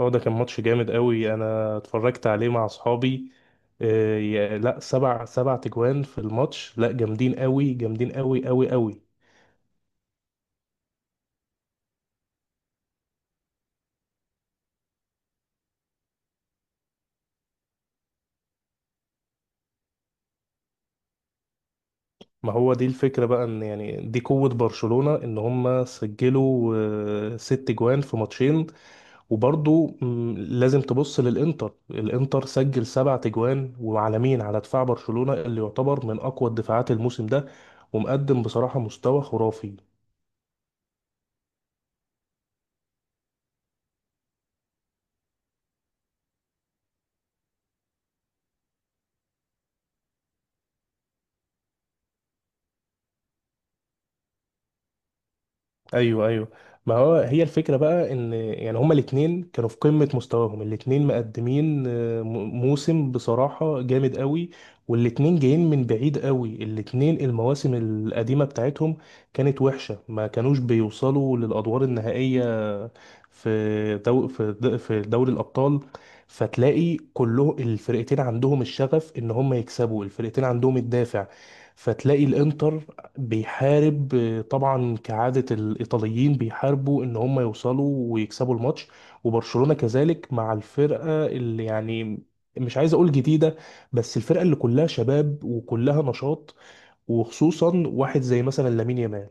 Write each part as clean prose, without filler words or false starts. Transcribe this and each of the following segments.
هو ده كان ماتش جامد قوي. انا اتفرجت عليه مع اصحابي. لا، سبع تجوان في الماتش، لا، جامدين قوي، جامدين قوي قوي قوي. ما هو دي الفكرة بقى، ان يعني دي قوة برشلونة، ان هم سجلوا ست جوان في ماتشين. وبرضو لازم تبص للانتر. الانتر سجل سبع تجوان، وعلى مين؟ على دفاع برشلونة اللي يعتبر من اقوى الدفاعات الموسم ده، ومقدم بصراحة مستوى خرافي. ايوه، ايوه. ما هو هي الفكره بقى، ان يعني هما الاثنين كانوا في قمه مستواهم. الاثنين مقدمين موسم بصراحه جامد قوي. والاثنين جايين من بعيد قوي. الاثنين المواسم القديمه بتاعتهم كانت وحشه، ما كانوش بيوصلوا للادوار النهائيه في دو في د- في دوري الابطال. فتلاقي كله الفرقتين عندهم الشغف ان هم يكسبوا، الفرقتين عندهم الدافع. فتلاقي الانتر بيحارب، طبعا كعادة الإيطاليين بيحاربوا إن هم يوصلوا ويكسبوا الماتش. وبرشلونة كذلك، مع الفرقة اللي يعني مش عايز أقول جديدة، بس الفرقة اللي كلها شباب وكلها نشاط، وخصوصا واحد زي مثلا لامين يامال.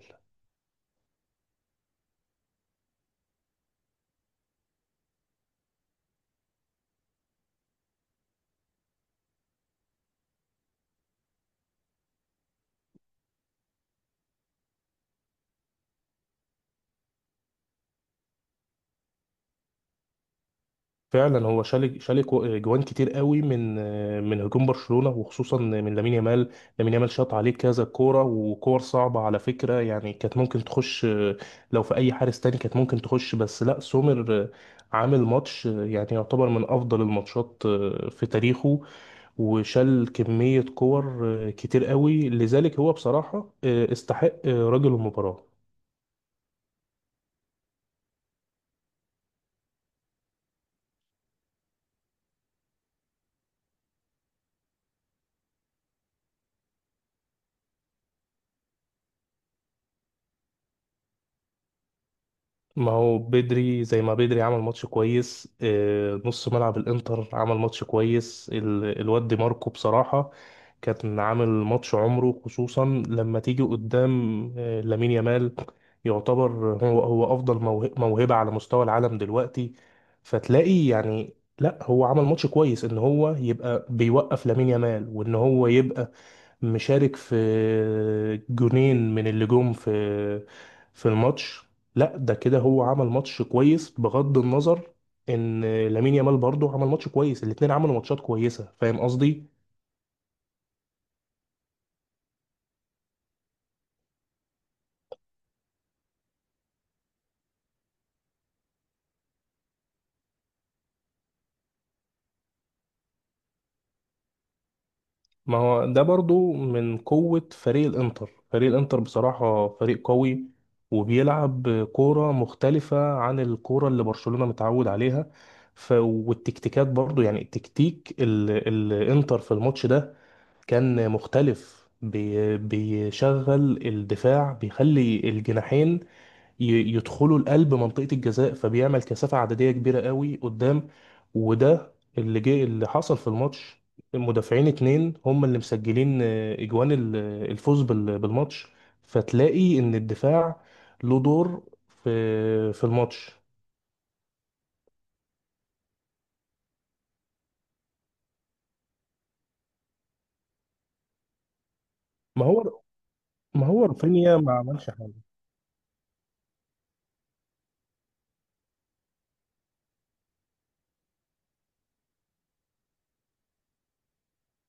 فعلا هو شال جوان كتير قوي من هجوم برشلونة، وخصوصا من لامين يامال. لامين يامال شاط عليه كذا كورة، وكور صعبة على فكرة، يعني كانت ممكن تخش. لو في أي حارس تاني كانت ممكن تخش، بس لا، سومر عامل ماتش يعني يعتبر من أفضل الماتشات في تاريخه، وشال كمية كور كتير قوي. لذلك هو بصراحة استحق رجل المباراة. ما هو بدري زي ما بدري عمل ماتش كويس. نص ملعب الانتر عمل ماتش كويس. الواد دي ماركو بصراحة كان عامل ماتش عمره، خصوصا لما تيجي قدام لامين يامال. يعتبر هو افضل موهبة على مستوى العالم دلوقتي. فتلاقي يعني، لا، هو عمل ماتش كويس ان هو يبقى بيوقف لامين يامال، وان هو يبقى مشارك في جونين من اللي جم في الماتش. لا، ده كده هو عمل ماتش كويس بغض النظر ان لامين يامال برضه عمل ماتش كويس. الاتنين عملوا ماتشات كويسة، فاهم قصدي؟ ما هو ده برضه من قوة فريق الانتر. فريق الانتر بصراحة فريق قوي، وبيلعب كورة مختلفة عن الكورة اللي برشلونة متعود عليها. والتكتيكات برضو، يعني الانتر في الماتش ده كان مختلف، بيشغل الدفاع، بيخلي الجناحين يدخلوا القلب، منطقة الجزاء، فبيعمل كثافة عددية كبيرة قوي قدام. وده اللي جه اللي حصل في الماتش. المدافعين اتنين هم اللي مسجلين اجوان الفوز بالماتش. فتلاقي ان الدفاع له دور في الماتش. ما هو ما هو رافينيا ما عملش حاجة.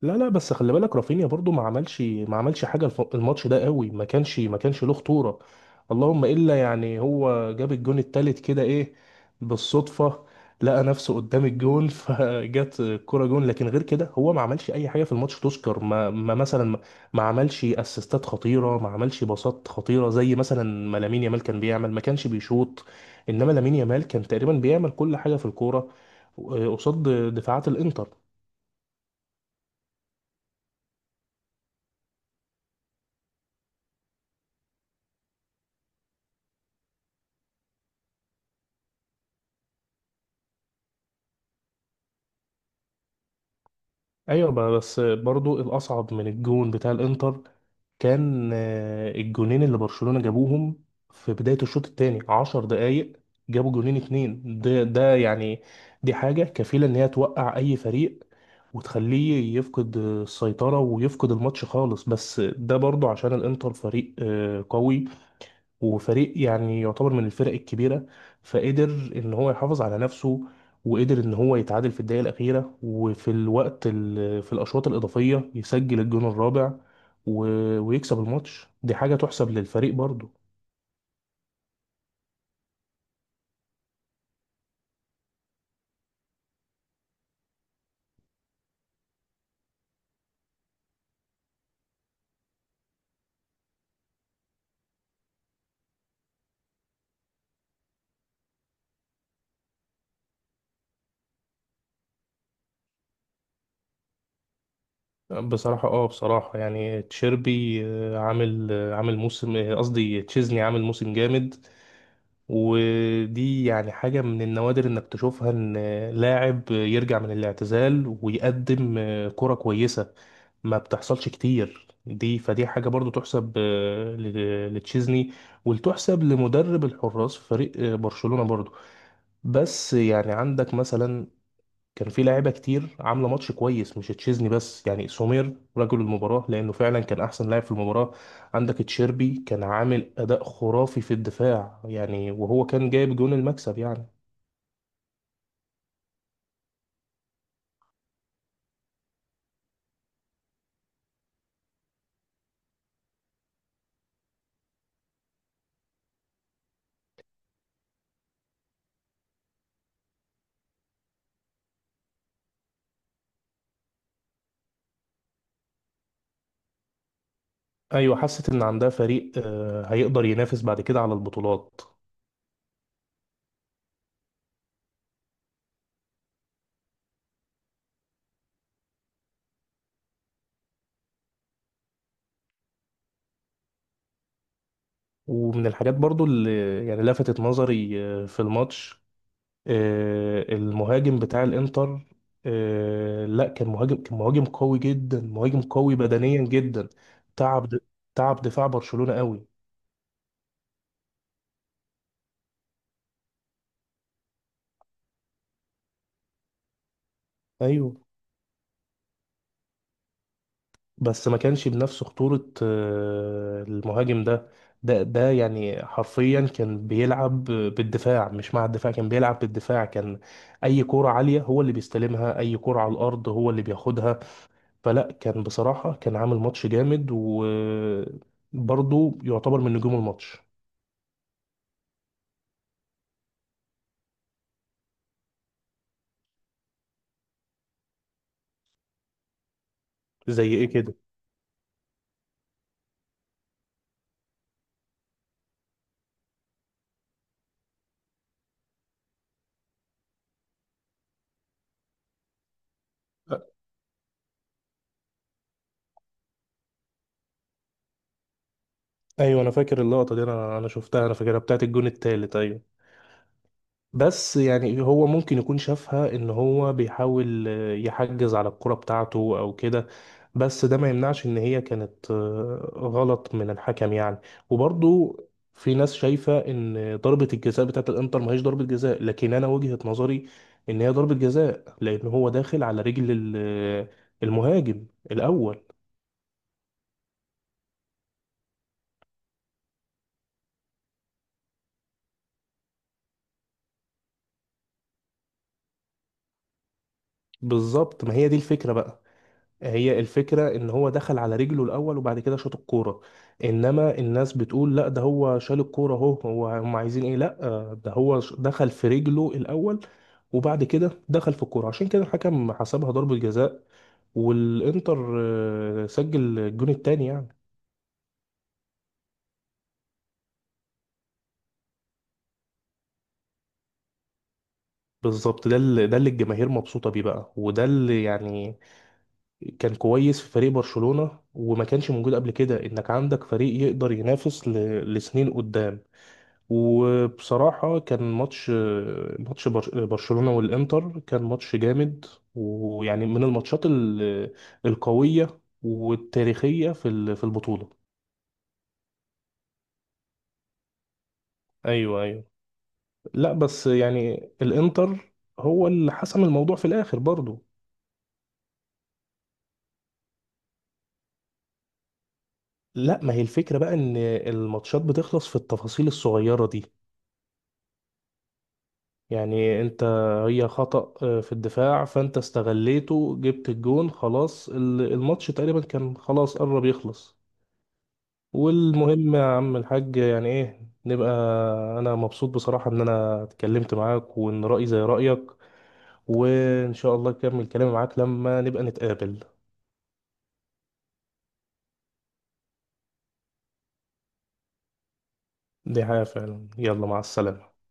لا، لا، بس خلي بالك، رافينيا برضو ما عملش حاجه. الماتش ده قوي، ما كانش له خطوره. اللهم الا يعني هو جاب الجون التالت كده، ايه، بالصدفه، لقى نفسه قدام الجون فجت الكرة جون. لكن غير كده هو ما عملش اي حاجه في الماتش تذكر. ما عملش اسيستات خطيره، ما عملش باصات خطيره، زي مثلا ما لامين يامال كان بيعمل. ما كانش بيشوط، انما لامين يامال كان تقريبا بيعمل كل حاجه في الكوره قصاد دفاعات الانتر. ايوه بقى، بس برضو الاصعب من الجون بتاع الانتر كان الجونين اللي برشلونة جابوهم في بداية الشوط الثاني، 10 دقايق جابوا جونين اتنين، ده ده يعني دي حاجة كفيلة ان هي توقع اي فريق وتخليه يفقد السيطرة ويفقد الماتش خالص. بس ده برضو عشان الانتر فريق قوي، وفريق يعني يعتبر من الفرق الكبيرة، فقدر ان هو يحافظ على نفسه، وقدر ان هو يتعادل في الدقيقة الأخيرة، وفي الوقت ال- في الأشواط الإضافية يسجل الجون الرابع ويكسب الماتش. دي حاجة تحسب للفريق برضو. بصراحة، بصراحة يعني تشيربي، عامل موسم، قصدي تشيزني، عامل موسم جامد. ودي يعني حاجة من النوادر انك تشوفها، ان لاعب يرجع من الاعتزال ويقدم كرة كويسة. ما بتحصلش كتير دي، فدي حاجة برضو تحسب لتشيزني، وتحسب لمدرب الحراس في فريق برشلونة برضو. بس يعني عندك مثلا كان في لاعيبة كتير عاملة ماتش كويس، مش تشيزني بس، يعني سومير رجل المباراة لأنه فعلا كان أحسن لاعب في المباراة. عندك تشيربي كان عامل أداء خرافي في الدفاع يعني، وهو كان جايب جون المكسب يعني. أيوة، حست إن عندها فريق هيقدر ينافس بعد كده على البطولات. ومن الحاجات برضو اللي يعني لفتت نظري في الماتش، المهاجم بتاع الانتر، لا، كان مهاجم قوي جدا، مهاجم قوي بدنيا جدا. تعب د- تعب دفاع برشلونة قوي. ايوه، بس ما كانش بنفس خطورة المهاجم ده يعني حرفيا كان بيلعب بالدفاع، مش مع الدفاع. كان بيلعب بالدفاع، كان اي كرة عالية هو اللي بيستلمها، اي كرة على الارض هو اللي بياخدها. فلا، كان بصراحة كان عامل ماتش جامد، وبرضه يعتبر من نجوم الماتش. زي ايه كده؟ أ- ايوه، انا فاكر اللقطة دي، انا شفتها، انا فاكرها بتاعت الجون التالت، ايوه. بس يعني هو ممكن يكون شافها ان هو بيحاول يحجز على الكرة بتاعته او كده، بس ده ما يمنعش ان هي كانت غلط من الحكم يعني. وبرضو في ناس شايفة ان ضربة الجزاء بتاعت الانتر ما هيش ضربة جزاء، لكن انا وجهة نظري ان هي ضربة جزاء لان هو داخل على رجل المهاجم الاول. بالظبط، ما هي دي الفكرة بقى. هي الفكرة ان هو دخل على رجله الاول وبعد كده شاط الكورة. انما الناس بتقول لا، ده هو شال الكورة اهو. هو هم عايزين ايه؟ لا، ده هو دخل في رجله الاول، وبعد كده دخل في الكورة، عشان كده الحكم حسبها ضربة جزاء. والانتر سجل الجون التاني يعني. بالظبط، ده اللي الجماهير مبسوطة بيه بقى. وده اللي يعني كان كويس في فريق برشلونة، وما كانش موجود قبل كده، انك عندك فريق يقدر ينافس لسنين قدام. وبصراحة كان ماتش، برشلونة والإنتر كان ماتش جامد، ويعني من الماتشات القوية والتاريخية في البطولة. أيوه، أيوه، لا، بس يعني الإنتر هو اللي حسم الموضوع في الآخر برضو. لا، ما هي الفكرة بقى، إن الماتشات بتخلص في التفاصيل الصغيرة دي. يعني انت، هي خطأ في الدفاع، فانت استغليته، جبت الجون، خلاص، الماتش تقريبا كان خلاص قرب يخلص. والمهم يا عم الحاج، يعني ايه، نبقى. انا مبسوط بصراحة ان انا اتكلمت معاك وان رأيي زي رأيك، وان شاء الله اكمل كلامي معاك لما نبقى نتقابل. دي حاجة فعلا. يلا، مع السلامة.